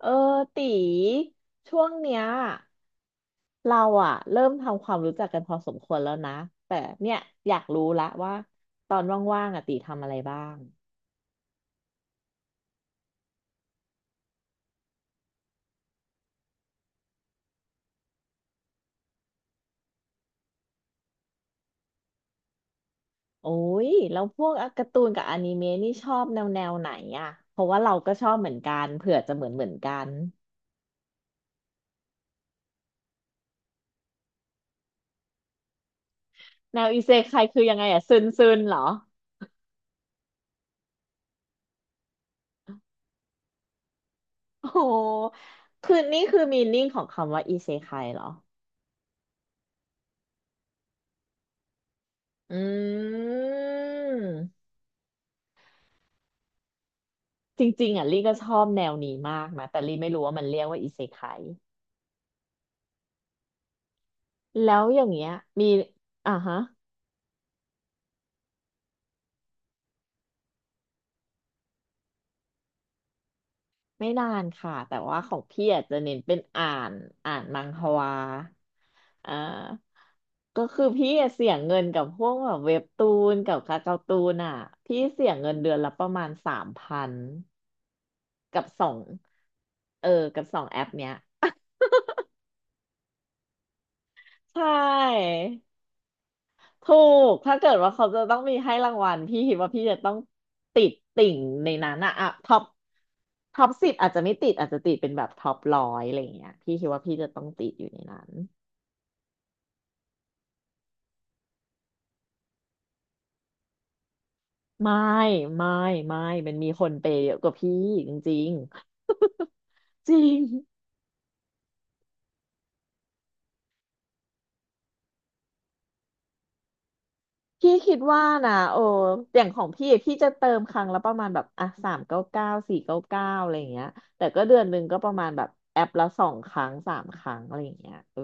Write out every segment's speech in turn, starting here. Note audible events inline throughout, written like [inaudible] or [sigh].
เออตีช่วงเนี้ยเราอะเริ่มทำความรู้จักกันพอสมควรแล้วนะแต่เนี่ยอยากรู้ละว่าตอนว่างๆอะตีทำอะไรบ้างโอ้ยแล้วพวกการ์ตูนกับอนิเมะนี่ชอบแนวแนวไหนอะเพราะว่าเราก็ชอบเหมือนกันเผื่อจะเหมือนกันแนวอิเซไคคือยังไงอะซึนซึนเหรอโอ้โหคือนี่คือมีนิ่งของคำว่าอิเซไคเหรออืม จริงๆอ่ะลี่ก็ชอบแนวนี้มากนะแต่ลี่ไม่รู้ว่ามันเรียกว่าอิเซไคแล้วอย่างเงี้ยมีอ่าฮะไม่นานค่ะแต่ว่าของพี่อาจจะเน้นเป็นนอ่านมังฮวาอ่าก็คือพี่อะเสียเงินกับพวกแบบเว็บตูนกับคาเกาตูนอ่ะพี่เสียเงินเดือนละประมาณ3,000กับสองเออกับสองแอปเนี้ยใช่ ถูกถ้าเกิดว่าเขาจะต้องมีให้รางวัลพี่คิดว่าพี่จะต้องติดติ่งในนั้นอะอะท็อปท็อปสิบอาจจะไม่ติดอาจจะติดเป็นแบบท็อปร้อยอะไรอย่างเงี้ยพี่คิดว่าพี่จะต้องติดอยู่ในนั้นไม่ไม่ไม่มันมีคนเปย์เยอะกว่าพี่จริงๆจริง พี่คิดว่านะโอ้อย่างของพี่อะพี่จะเติมครั้งละประมาณแบบอ่ะสามเก้าเก้าสี่เก้าเก้าอะไรอย่างเงี้ยแต่ก็เดือนหนึ่งก็ประมาณแบบแอปละสองครั้งสามครั้งอะไรอย่างเงี้ยเออ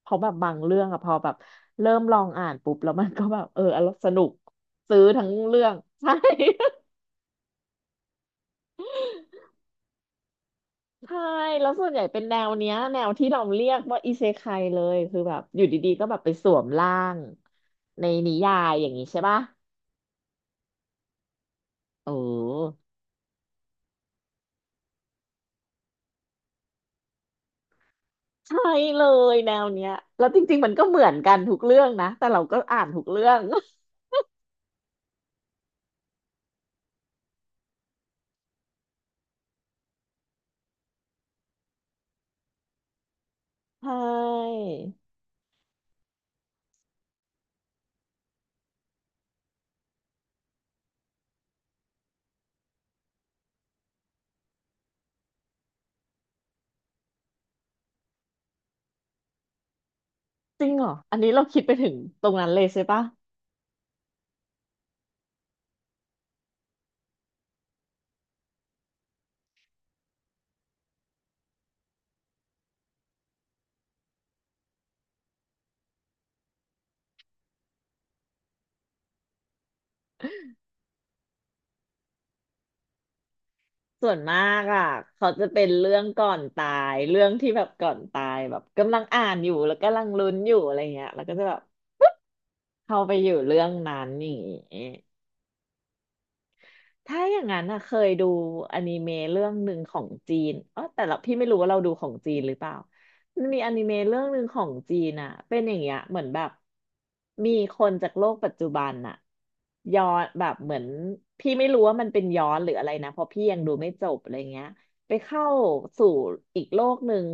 เพราะแบบบางเรื่องอะพอแบบเริ่มลองอ่านปุ๊บแล้วมันก็แบบเอออร่อยสนุกซื้อทั้งเรื่อง [laughs] ใช่ [laughs] ใช่แล้วส่วนใหญ่เป็นแนวเนี้ยแนวที่เราเรียกว่าอิเซไคเลยคือแบบอยู่ดีๆก็แบบไปสวมร่างในนิยายอย่างนี้ใช่ปะเออ ใช่เลยแนวเนี้ยแล้วจริงๆมันก็เหมือนกันทุกเรื่องนะแต่เราก็อ่านทุกเรื่อง [laughs] ใช่จริงเหรออันนี้เราคิดไปถึงตรงนั้นเลยใช่ปะส่วนมากอ่ะเขาจะเป็นเรื่องก่อนตายเรื่องที่แบบก่อนตายแบบกำลังอ่านอยู่แล้วกำลังลุ้นอยู่อะไรเงี้ยแล้วก็จะแบบเข้าไปอยู่เรื่องนั้นนี่างงี้ ถ้าอย่างนั้นอะเคยดูอนิเมะเรื่องหนึ่งของจีนอ๋อแต่เราพี่ไม่รู้ว่าเราดูของจีนหรือเปล่ามันมีอนิเมะเรื่องหนึ่งของจีนอะเป็นอย่างเงี้ยเหมือนแบบมีคนจากโลกปัจจุบันอะย้อนแบบเหมือนพี่ไม่รู้ว่ามันเป็นย้อนหรืออะไรนะเพราะพี่ยังดูไม่จบอะไรเงี้ยไปเข้าสู่อีกโลกหนึ่ง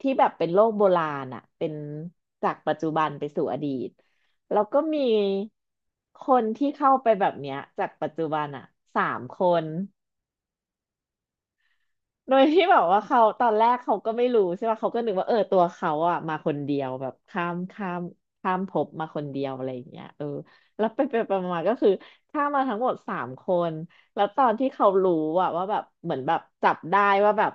ที่แบบเป็นโลกโบราณอะเป็นจากปัจจุบันไปสู่อดีต แล้วก็มีคนที่เข้าไปแบบเนี้ยจากปัจจุบันอ่ะสามคน โดยที่แบบว่าเขาตอนแรกเขาก็ไม่รู้ใช่ป่ะเขาก็นึกว่าเออตัวเขาอ่ะมาคนเดียวแบบข้ามภพมาคนเดียวอะไรอย่างเงี้ยเออแล้วไปมาๆก็คือข้ามมาทั้งหมดสามคนแล้วตอนที่เขารู้อ่ะว่าแบบเหมือนแบบจับได้ว่าแบบ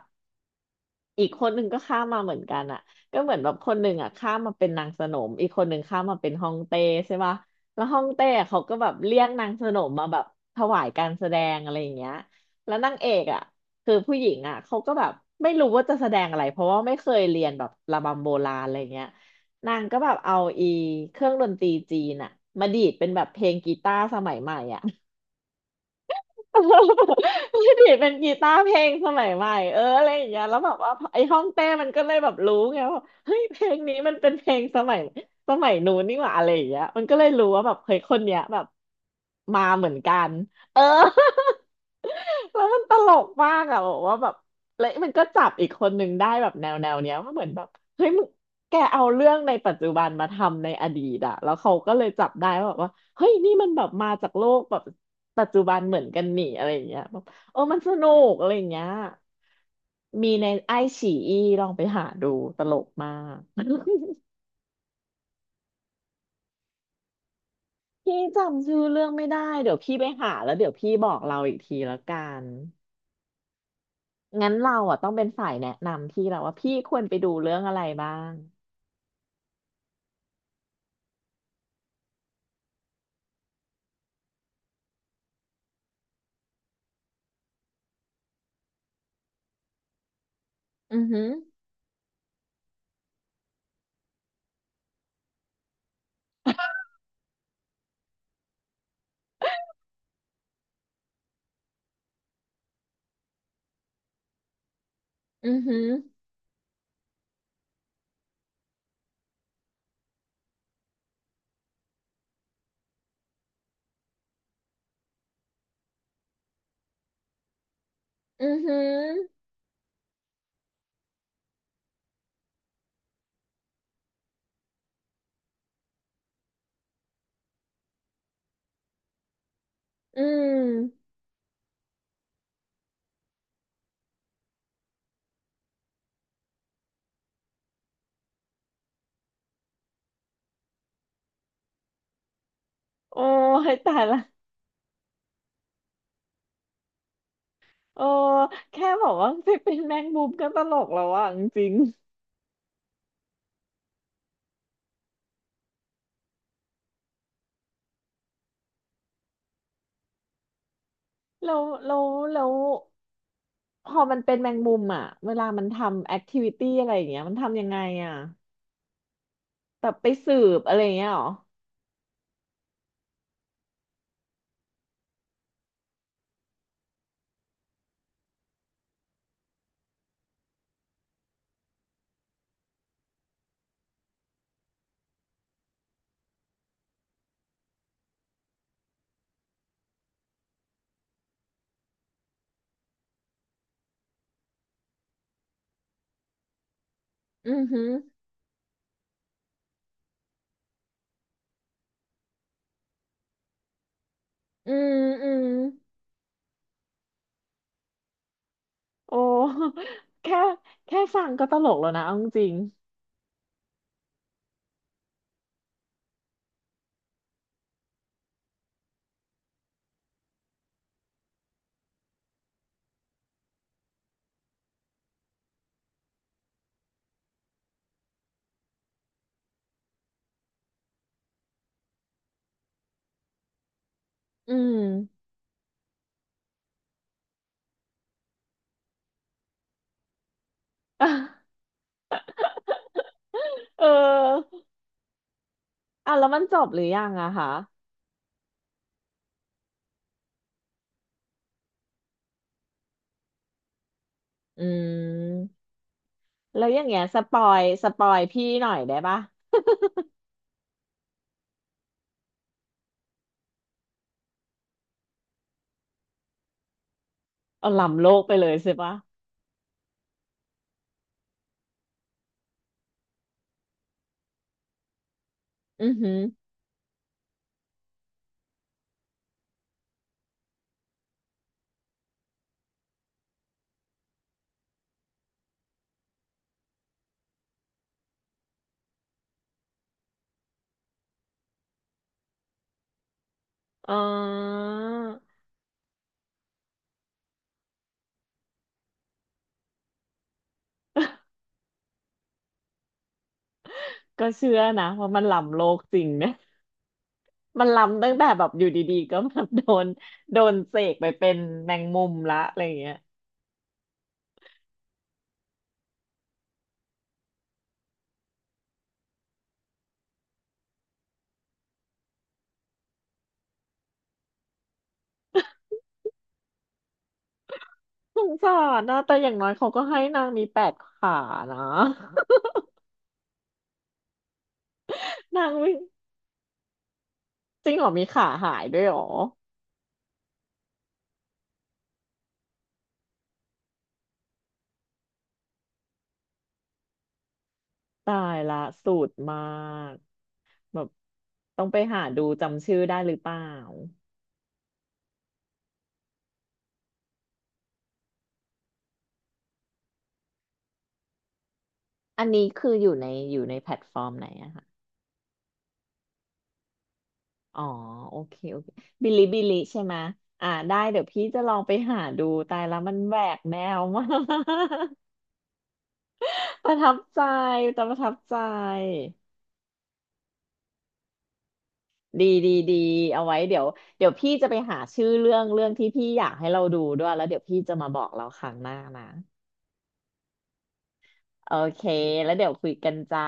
อีกคนหนึ่งก็ข้ามมาเหมือนกันอ่ะก็เหมือนแบบคนหนึ่งอ่ะข้ามมาเป็นนางสนมอีกคนหนึ่งข้ามมาเป็นฮ่องเต้ใช่ป่ะแล้วฮ่องเต้อะเขาก็แบบเรียกนางสนมมาแบบถวายการแสดงอะไรอย่างเงี้ยแล้วนางเอกอ่ะคือผู้หญิงอ่ะเขาก็แบบไม่รู้ว่าจะแสดงอะไรเพราะว่าไม่เคยเรียนแบบระบำโบราณอะไรเงี้ยนางก็แบบเอาอีเครื่องดนตรีจีนอ่ะมาดีดเป็นแบบเพลงกีตาร์สมัยใหม่อ่ะ [laughs] ไม่ดีดเป็นกีตาร์เพลงสมัยใหม่เอออะไรอย่างเงี้ยแล้วแบบว่าไอ้ห้องเต้มันก็เลยแบบรู้ไงว่าเฮ้ยเพลงนี้มันเป็นเพลงสมัยสมัยนู้นนี่หว่าอะไรอย่างเงี้ยมันก็เลยรู้ว่าแบบเฮ้ยคนเนี้ยแบบมาเหมือนกันเออ [laughs] แล้วมันตลกมากอะบอกว่าแบบแล้วมันก็จับอีกคนหนึ่งได้แบบแนวแนวเนี้ยว่าเหมือนแบบเฮ้ยมึงแกเอาเรื่องในปัจจุบันมาทำในอดีตอะแล้วเขาก็เลยจับได้ว่าแบบว่า เฮ้ยนี่มันแบบมาจากโลกแบบปัจจุบันเหมือนกันนี่อะไรอย่างเงี้ยแบบเออมันสนุกอะไรอย่างเงี้ยมีในไอฉีอีลองไปหาดูตลกมาก [laughs] พี่จำชื่อเรื่องไม่ได้เดี๋ยวพี่ไปหาแล้วเดี๋ยวพี่บอกเราอีกทีละกันงั้นเราอ่ะต้องเป็นฝ่ายแนะนำพี่แล้วว่าพี่ควรไปดูเรื่องอะไรบ้างอือหืออือหืออือหืออืมโอ้ยตายละโอ้แค่บอกว่าไปเป็นแมงมุมก็ตลกแล้วอ่ะจริง แล้วแล้วแล้วพอมันเป็นแมงมุมอ่ะเวลามันทำแอคทิวิตี้อะไรอย่างเงี้ยมันทำยังไงอ่ะแบบไปสืบอะไรอย่างเงี้ยเหรออือหืออืมอืมโอ้ [laughs] แค่แค่ฟังก็ตลกแล้วนะเอาจริงๆอืม [laughs] เอออ่ะแล้วมันจบหรือยังอะคะอืมแล้วอย่างเงี้ยสปอยสปอยพี่หน่อยได้ปะเอาล้ำโลกไปเลยใช่ปะอือหืออ๋อก็เชื่อนะว่ามันล้ำโลกจริงนะ มันล้ำตั้งแต่แบบอยู่ดีๆก็แบบโดนโดนเสกไปเป็นแมงมุมละอะไรอย่างเงี้ยสงสารนะแต่อย่างน้อยเขาก็ให้นางมีแปดขานะ [laughs] นางวิ่งจริงเหรอมีขาหายด้วยเหรอตายละสูตรมากแบบต้องไปหาดูจำชื่อได้หรือเปล่าอันนี้คืออยู่ในอยู่ในแพลตฟอร์มไหนอะคะอ๋อโอเคโอเคบิลิบิลิใช่ไหมะอ่าได้เดี๋ยวพี่จะลองไปหาดูตายละมันแหวกแนวมาก ประทับใจแต่ประทับใจ ดีดีดีเอาไว้เดี๋ยวเดี๋ยวพี่จะไปหาชื่อเรื่องเรื่องที่พี่อยากให้เราดูด้วยแล้วเดี๋ยวพี่จะมาบอกเราครั้งหน้านะ โอเค แล้วเดี๋ยวคุยกันจ้า